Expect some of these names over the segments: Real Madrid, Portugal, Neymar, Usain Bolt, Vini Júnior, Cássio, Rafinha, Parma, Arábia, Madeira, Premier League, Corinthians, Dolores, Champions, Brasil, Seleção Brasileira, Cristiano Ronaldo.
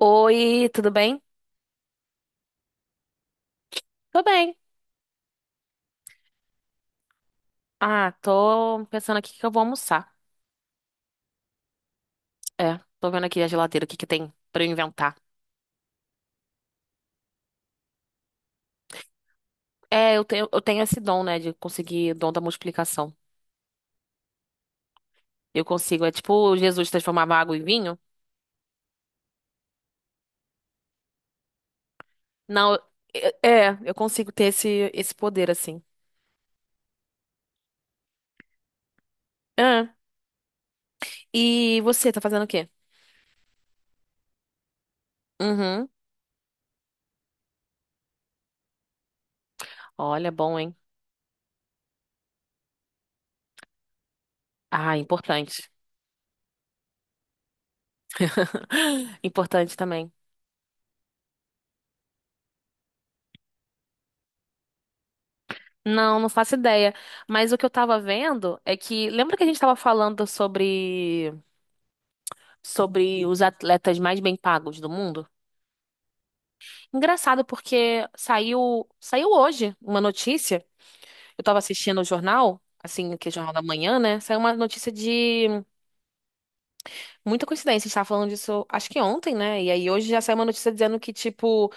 Oi, tudo bem? Tô bem. Ah, tô pensando aqui o que eu vou almoçar. É, tô vendo aqui a geladeira, o que que tem pra eu inventar. É, eu tenho esse dom, né, de conseguir dom da multiplicação. Eu consigo, é tipo Jesus transformava água em vinho. Não, eu consigo ter esse poder, assim. Ah, e você, tá fazendo o quê? Uhum. Olha, bom, hein? Ah, importante. Importante também. Não, não faço ideia. Mas o que eu tava vendo é que. Lembra que a gente tava falando sobre os atletas mais bem pagos do mundo. Engraçado porque saiu hoje uma notícia. Eu estava assistindo o jornal, assim, que é jornal da manhã, né? Saiu uma notícia de muita coincidência. A gente tava falando disso, acho que ontem, né? E aí hoje já saiu uma notícia dizendo que tipo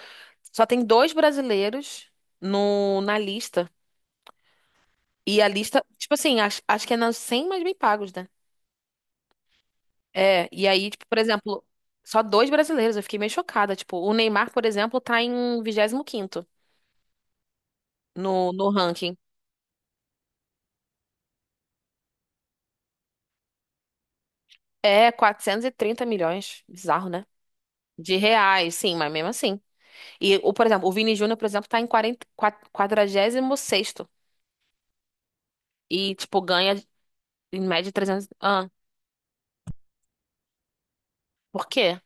só tem dois brasileiros no na lista. E a lista, tipo assim, acho que é nas 100 mais bem pagos, né? É, e aí, tipo, por exemplo, só dois brasileiros, eu fiquei meio chocada. Tipo, o Neymar, por exemplo, tá em vigésimo quinto, no ranking. É 430 milhões. Bizarro, né? De reais, sim, mas mesmo assim. E, o, por exemplo, o Vini Júnior, por exemplo, tá em 40, 46 sexto e, tipo, ganha em média trezentos. Ah, por quê?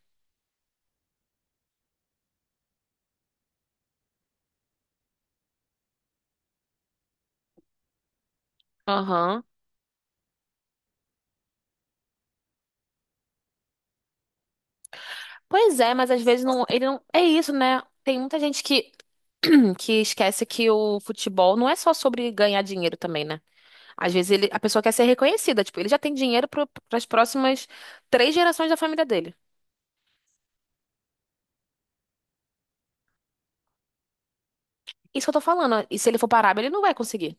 Aham. Pois é, mas às vezes não, ele não... É isso, né? Tem muita gente que, que esquece que o futebol não é só sobre ganhar dinheiro também, né? Às vezes ele, a pessoa quer ser reconhecida, tipo, ele já tem dinheiro para as próximas 3 gerações da família dele. Isso que eu tô falando. E se ele for parar, ele não vai conseguir.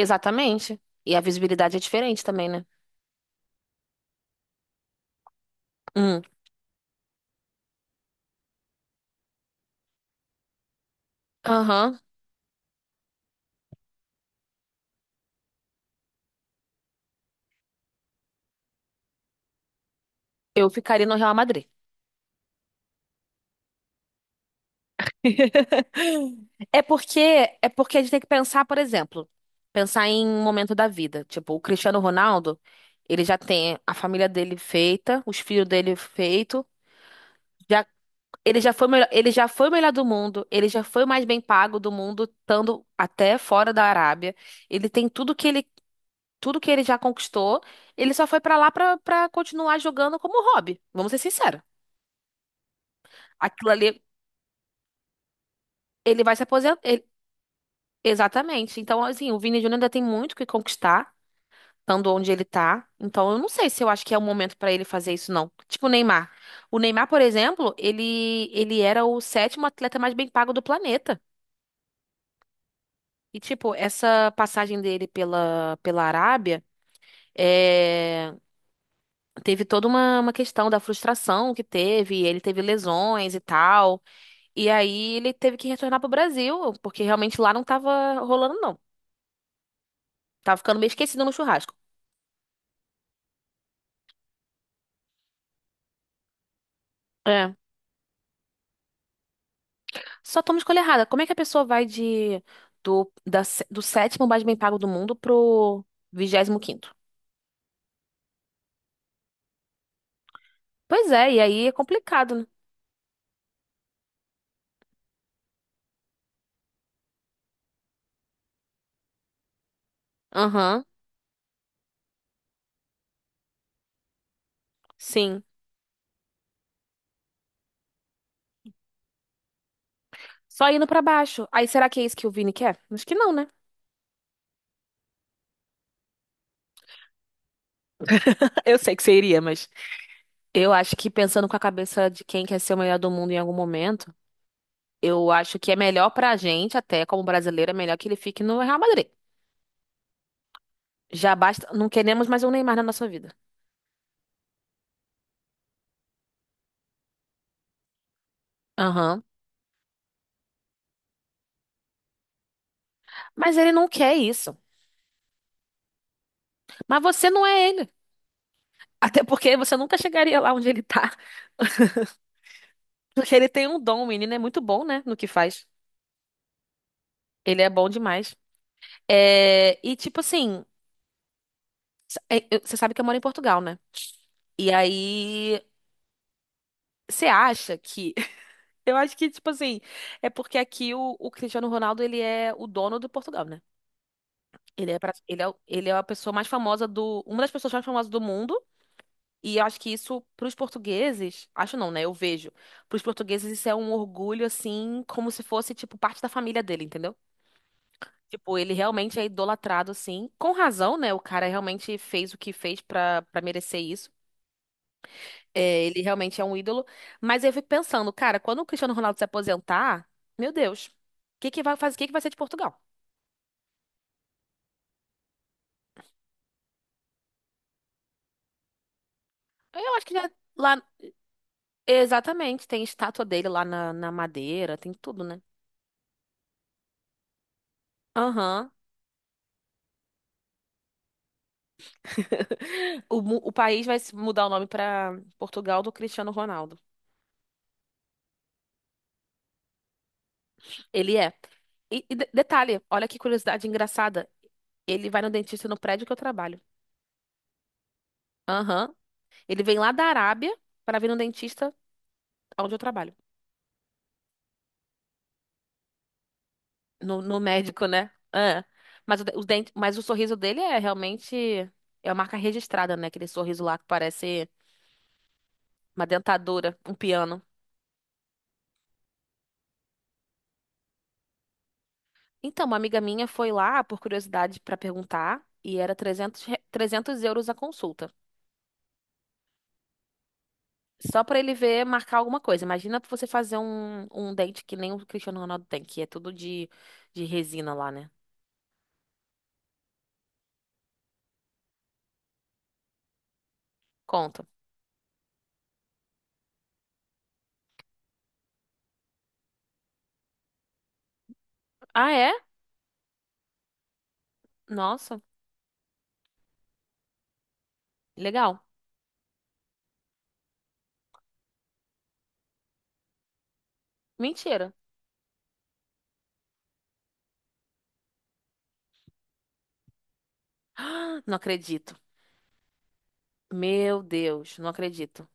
Exatamente. E a visibilidade é diferente também, né? Hum. Aham. Eu ficaria no Real Madrid. É porque é porque a gente tem que pensar, por exemplo, pensar em um momento da vida. Tipo, o Cristiano Ronaldo, ele já tem a família dele feita, os filhos dele feito, já ele já foi o melhor, ele já foi o melhor do mundo, ele já foi o mais bem pago do mundo, estando até fora da Arábia. Ele tem tudo que ele já conquistou, ele só foi pra lá pra para continuar jogando como hobby. Vamos ser sinceros. Aquilo ali, ele vai se aposentar. Exatamente. Então, assim, o Vini Júnior ainda tem muito o que conquistar, estando onde ele tá. Então, eu não sei se eu acho que é o momento pra ele fazer isso, não. Tipo o Neymar. O Neymar, por exemplo, ele era o sétimo atleta mais bem pago do planeta. E, tipo, essa passagem dele pela Arábia é, teve toda uma questão da frustração que teve. Ele teve lesões e tal. E aí ele teve que retornar pro Brasil, porque realmente lá não tava rolando, não. Tava ficando meio esquecido no churrasco. É. Só toma escolha errada. Como é que a pessoa vai de do, da sé- do sétimo mais bem pago do mundo pro vigésimo quinto? Pois é, e aí é complicado, né? Aham, sim. Só indo pra baixo. Aí será que é isso que o Vini quer? Acho que não, né? Eu sei que seria, mas eu acho que pensando com a cabeça de quem quer ser o melhor do mundo em algum momento, eu acho que é melhor pra gente, até como brasileiro, é melhor que ele fique no Real Madrid. Já basta, não queremos mais um Neymar na nossa vida. Aham. Mas ele não quer isso. Mas você não é ele. Até porque você nunca chegaria lá onde ele tá. Porque ele tem um dom, o menino é muito bom, né, no que faz. Ele é bom demais. É, e tipo assim, você sabe que eu moro em Portugal, né? E aí, você acha que. Eu acho que, tipo assim, é porque aqui o Cristiano Ronaldo, ele é o dono do Portugal, né? Ele é, pra- ele é, o- ele é a pessoa mais famosa do. Uma das pessoas mais famosas do mundo. E eu acho que isso, para os portugueses, acho não, né? Eu vejo. Para os portugueses, isso é um orgulho, assim, como se fosse, tipo, parte da família dele, entendeu? Tipo, ele realmente é idolatrado, assim, com razão, né? O cara realmente fez o que fez pra merecer isso. É, ele realmente é um ídolo. Mas eu fico pensando, cara, quando o Cristiano Ronaldo se aposentar, meu Deus, o que que vai fazer, o que que vai ser de Portugal? Eu acho que já lá, exatamente, tem estátua dele lá na Madeira, tem tudo, né? Aham. O país vai se mudar o nome para Portugal do Cristiano Ronaldo. Ele é. E, detalhe, olha que curiosidade engraçada. Ele vai no dentista no prédio que eu trabalho. Aham. Ele vem lá da Arábia para vir no dentista onde eu trabalho. No médico, né? É. Mas o dente, mas o sorriso dele é realmente. É uma marca registrada, né? Aquele sorriso lá que parece uma dentadura, um piano. Então, uma amiga minha foi lá por curiosidade para perguntar e era €300 a consulta. Só pra ele ver, marcar alguma coisa. Imagina você fazer um dente que nem o Cristiano Ronaldo tem, que é tudo de resina lá, né? Conta. Ah, é? Nossa, legal. Mentira. Ah, não acredito. Meu Deus, não acredito.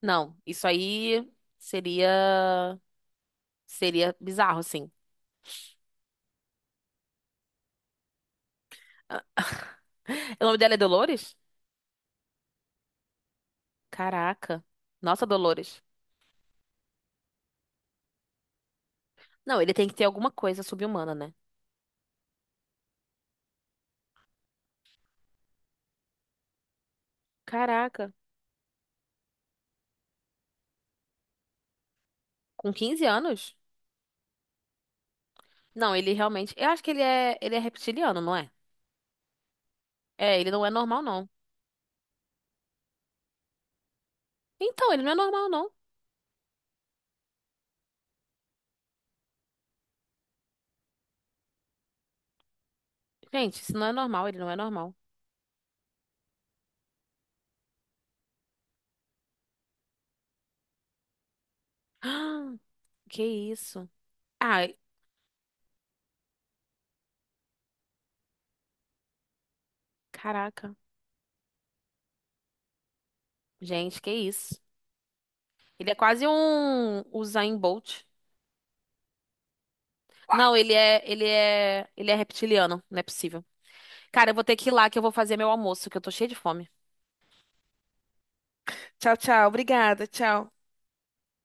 Não, isso aí seria seria bizarro, sim. O nome dela é Dolores? Caraca. Nossa, Dolores. Não, ele tem que ter alguma coisa subhumana, né? Caraca. Com 15 anos? Não, ele realmente. Eu acho que ele é reptiliano, não é? É, ele não é normal, não. Então, ele não é normal, não. Gente, isso não é normal, ele não é normal. Ah, que isso? Ai, caraca. Gente, que isso? Ele é quase um Usain Bolt. Não, ele é reptiliano, não é possível. Cara, eu vou ter que ir lá que eu vou fazer meu almoço, que eu tô cheia de fome. Tchau, tchau. Obrigada. Tchau.